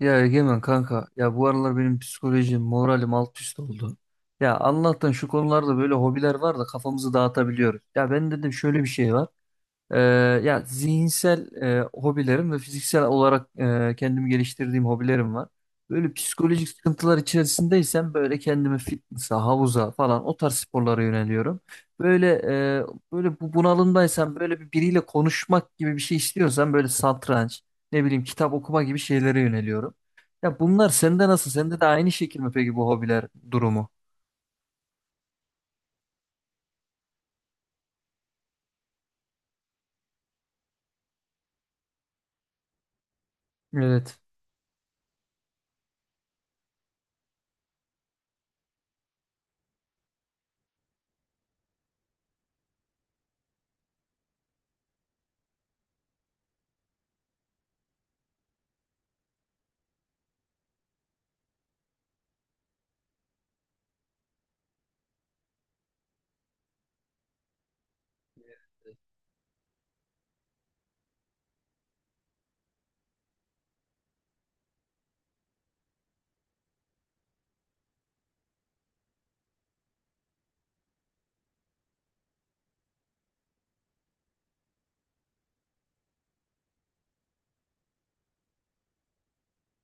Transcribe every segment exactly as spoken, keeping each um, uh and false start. Ya Egemen kanka ya bu aralar benim psikolojim moralim alt üst oldu. Ya Allah'tan şu konularda böyle hobiler var da kafamızı dağıtabiliyoruz. Ya ben dedim şöyle bir şey var. Ee, Ya zihinsel e, hobilerim ve fiziksel olarak e, kendimi geliştirdiğim hobilerim var. Böyle psikolojik sıkıntılar içerisindeysem böyle kendimi fitness'a, havuza falan o tarz sporlara yöneliyorum. Böyle e, Böyle bu bunalımdaysam böyle bir biriyle konuşmak gibi bir şey istiyorsam böyle satranç, ne bileyim kitap okuma gibi şeylere yöneliyorum. Ya bunlar sende nasıl? Sende de aynı şekil mi peki bu hobiler durumu? Evet.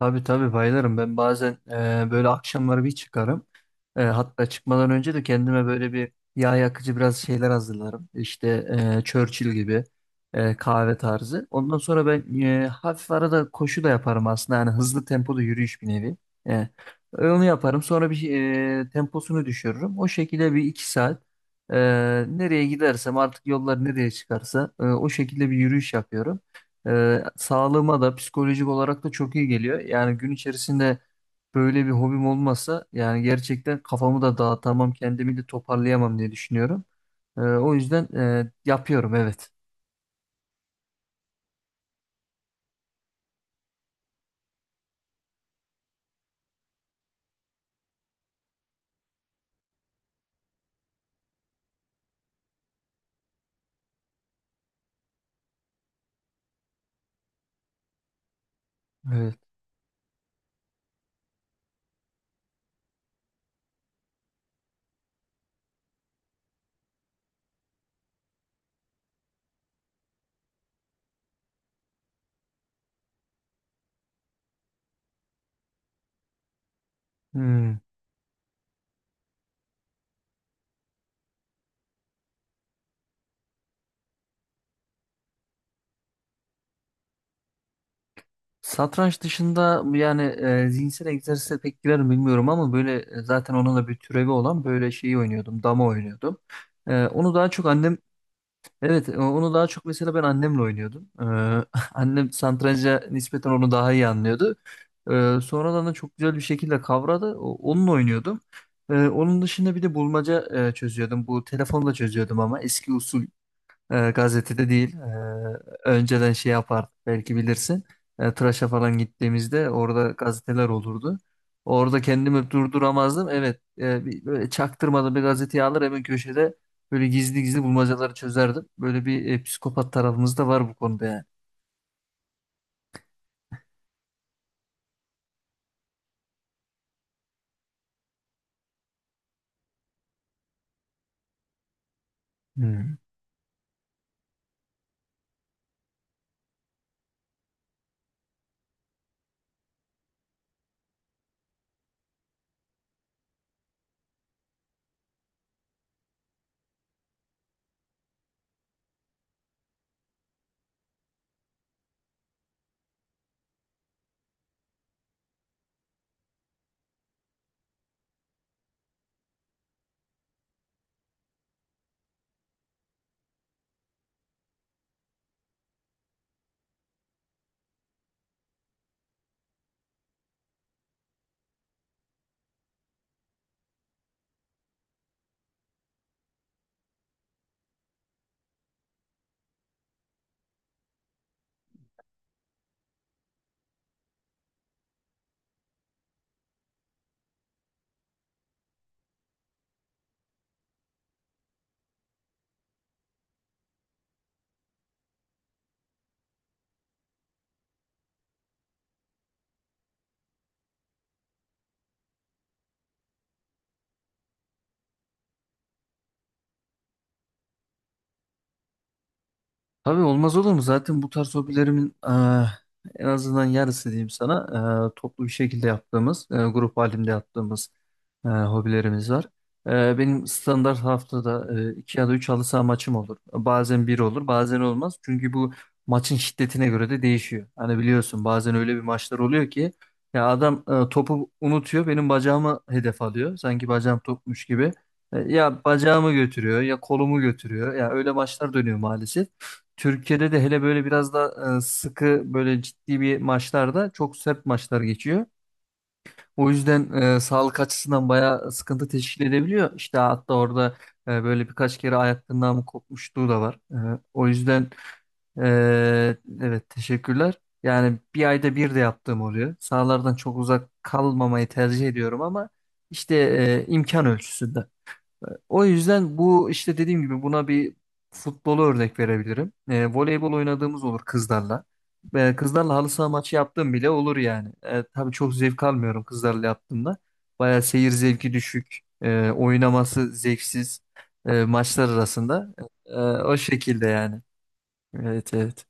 Tabii tabii bayılırım. Ben bazen e, böyle akşamları bir çıkarım. E, hatta çıkmadan önce de kendime böyle bir yağ yakıcı biraz şeyler hazırlarım. İşte e, Churchill gibi e, kahve tarzı. Ondan sonra ben e, hafif arada koşu da yaparım aslında. Yani hızlı tempolu yürüyüş bir nevi. E, Onu yaparım. Sonra bir e, temposunu düşürürüm. O şekilde bir iki saat e, nereye gidersem artık yollar nereye çıkarsa e, o şekilde bir yürüyüş yapıyorum. Ee, sağlığıma da psikolojik olarak da çok iyi geliyor. Yani gün içerisinde böyle bir hobim olmasa yani gerçekten kafamı da dağıtamam, kendimi de toparlayamam diye düşünüyorum. Ee, o yüzden e, yapıyorum evet. Evet. Hmm. Satranç dışında yani e, zihinsel egzersize pek girer mi bilmiyorum ama böyle e, zaten onun da bir türevi olan böyle şeyi oynuyordum, dama oynuyordum. E, onu daha çok annem evet e, onu daha çok mesela ben annemle oynuyordum. Ee, annem satranca nispeten onu daha iyi anlıyordu. Ee, sonradan da çok güzel bir şekilde kavradı. O- Onunla oynuyordum. Ee, onun dışında bir de bulmaca e, çözüyordum. Bu telefonla çözüyordum ama eski usul e, gazetede değil. E, önceden şey yapardık belki bilirsin. E, tıraşa falan gittiğimizde orada gazeteler olurdu. Orada kendimi durduramazdım. Evet e, bir- böyle çaktırmadan bir gazeteyi alır hemen köşede böyle gizli gizli bulmacaları çözerdim. Böyle bir e, psikopat tarafımız da var bu konuda yani. Hmm. Tabii olmaz olur mu? Zaten bu tarz hobilerimin eee, en azından yarısı diyeyim sana eee, toplu bir şekilde yaptığımız, eee, grup halinde yaptığımız eee, hobilerimiz var. Eee, benim standart haftada eee, iki ya da üç halı saha maçım olur. Bazen bir olur, bazen olmaz. Çünkü bu maçın şiddetine göre de değişiyor. Hani biliyorsun bazen öyle bir maçlar oluyor ki ya adam eee, topu unutuyor, benim bacağımı hedef alıyor. Sanki bacağım topmuş gibi. E, ya bacağımı götürüyor, ya kolumu götürüyor. Ya öyle maçlar dönüyor maalesef. Türkiye'de de hele böyle biraz da e, sıkı böyle ciddi bir maçlarda çok sert maçlar geçiyor. O yüzden e, sağlık açısından bayağı sıkıntı teşkil edebiliyor. İşte hatta orada e, böyle birkaç kere ayak mı kopmuşluğu da var. E, o yüzden e, evet teşekkürler. Yani bir ayda bir de yaptığım oluyor. Sahalardan çok uzak kalmamayı tercih ediyorum ama işte e, imkan ölçüsünde. O yüzden bu işte dediğim gibi buna bir futbolu örnek verebilirim. E, voleybol oynadığımız olur kızlarla. E, kızlarla halı saha maçı yaptığım bile olur yani. E, tabii çok zevk almıyorum kızlarla yaptığımda. Bayağı seyir zevki düşük, e, oynaması zevksiz e, maçlar arasında. E, o şekilde yani. Evet evet.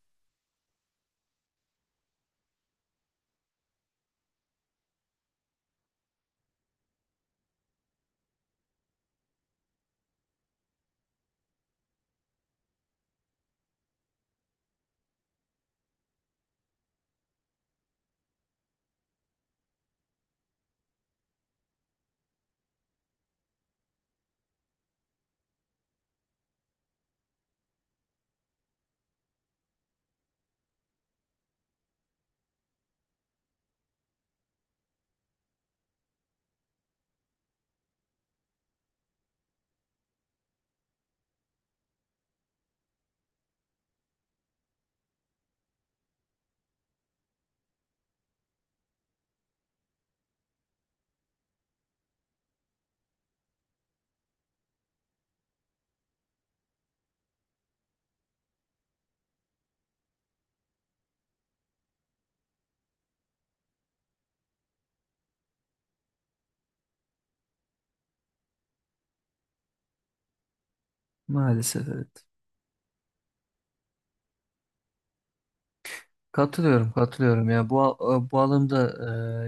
Maalesef evet. Katılıyorum, katılıyorum ya. Bu a- bu alımda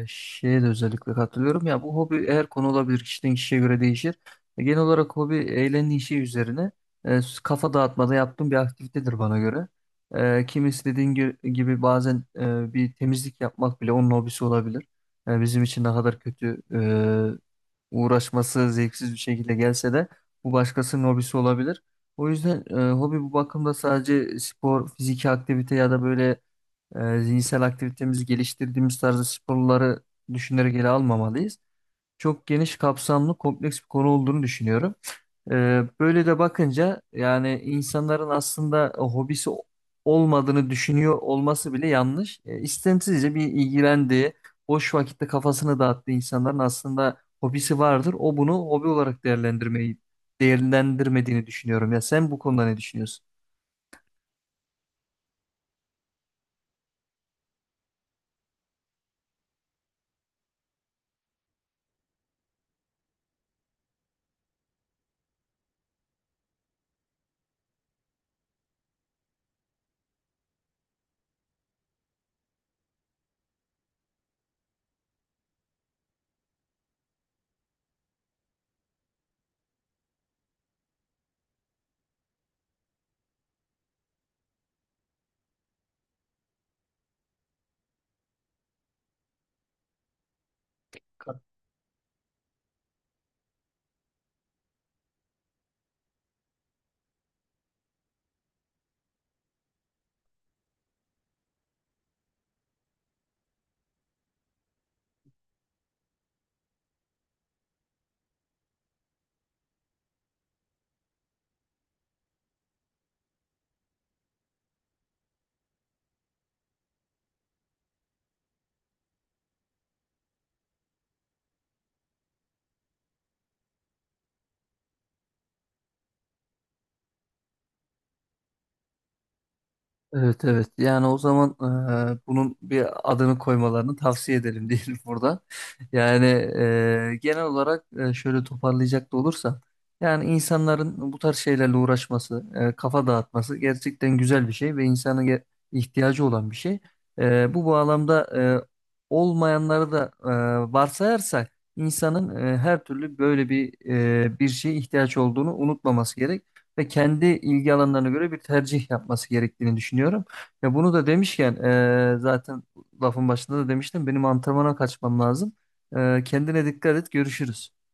e, şeye de özellikle katılıyorum. Ya bu hobi her konu olabilir. Kişiden kişiye göre değişir. E, genel olarak hobi eğlence işi üzerine e, kafa dağıtmada yaptığım bir aktivitedir bana göre. E, kimisi dediğin gi- gibi bazen e, bir temizlik yapmak bile onun hobisi olabilir. E, bizim için ne kadar kötü e, uğraşması zevksiz bir şekilde gelse de bu başkasının hobisi olabilir. O yüzden e, hobi bu bakımda sadece spor, fiziki aktivite ya da böyle e, zihinsel aktivitemizi geliştirdiğimiz tarzda sporları düşünerek ele almamalıyız. Çok geniş kapsamlı, kompleks bir konu olduğunu düşünüyorum. E, böyle de bakınca yani insanların aslında hobisi olmadığını düşünüyor olması bile yanlış. E, istemsizce bir ilgilendiği, boş vakitte kafasını dağıttığı insanların aslında hobisi vardır. O bunu hobi olarak değerlendirmeyi değerlendirmediğini düşünüyorum. Ya sen bu konuda ne düşünüyorsun? Evet evet yani o zaman e, bunun bir adını koymalarını tavsiye edelim diyelim burada. Yani e, genel olarak e, şöyle toparlayacak da olursam yani insanların bu tarz şeylerle uğraşması, e, kafa dağıtması gerçekten güzel bir şey ve insanın ge- ihtiyacı olan bir şey. E, bu bağlamda e, olmayanları da e, varsayarsak insanın e, her türlü böyle bir e, bir şeye ihtiyaç olduğunu unutmaması gerek ve kendi ilgi alanlarına göre bir tercih yapması gerektiğini düşünüyorum. Ve bunu da demişken e, zaten lafın başında da demiştim benim antrenmana kaçmam lazım. E, kendine dikkat et görüşürüz.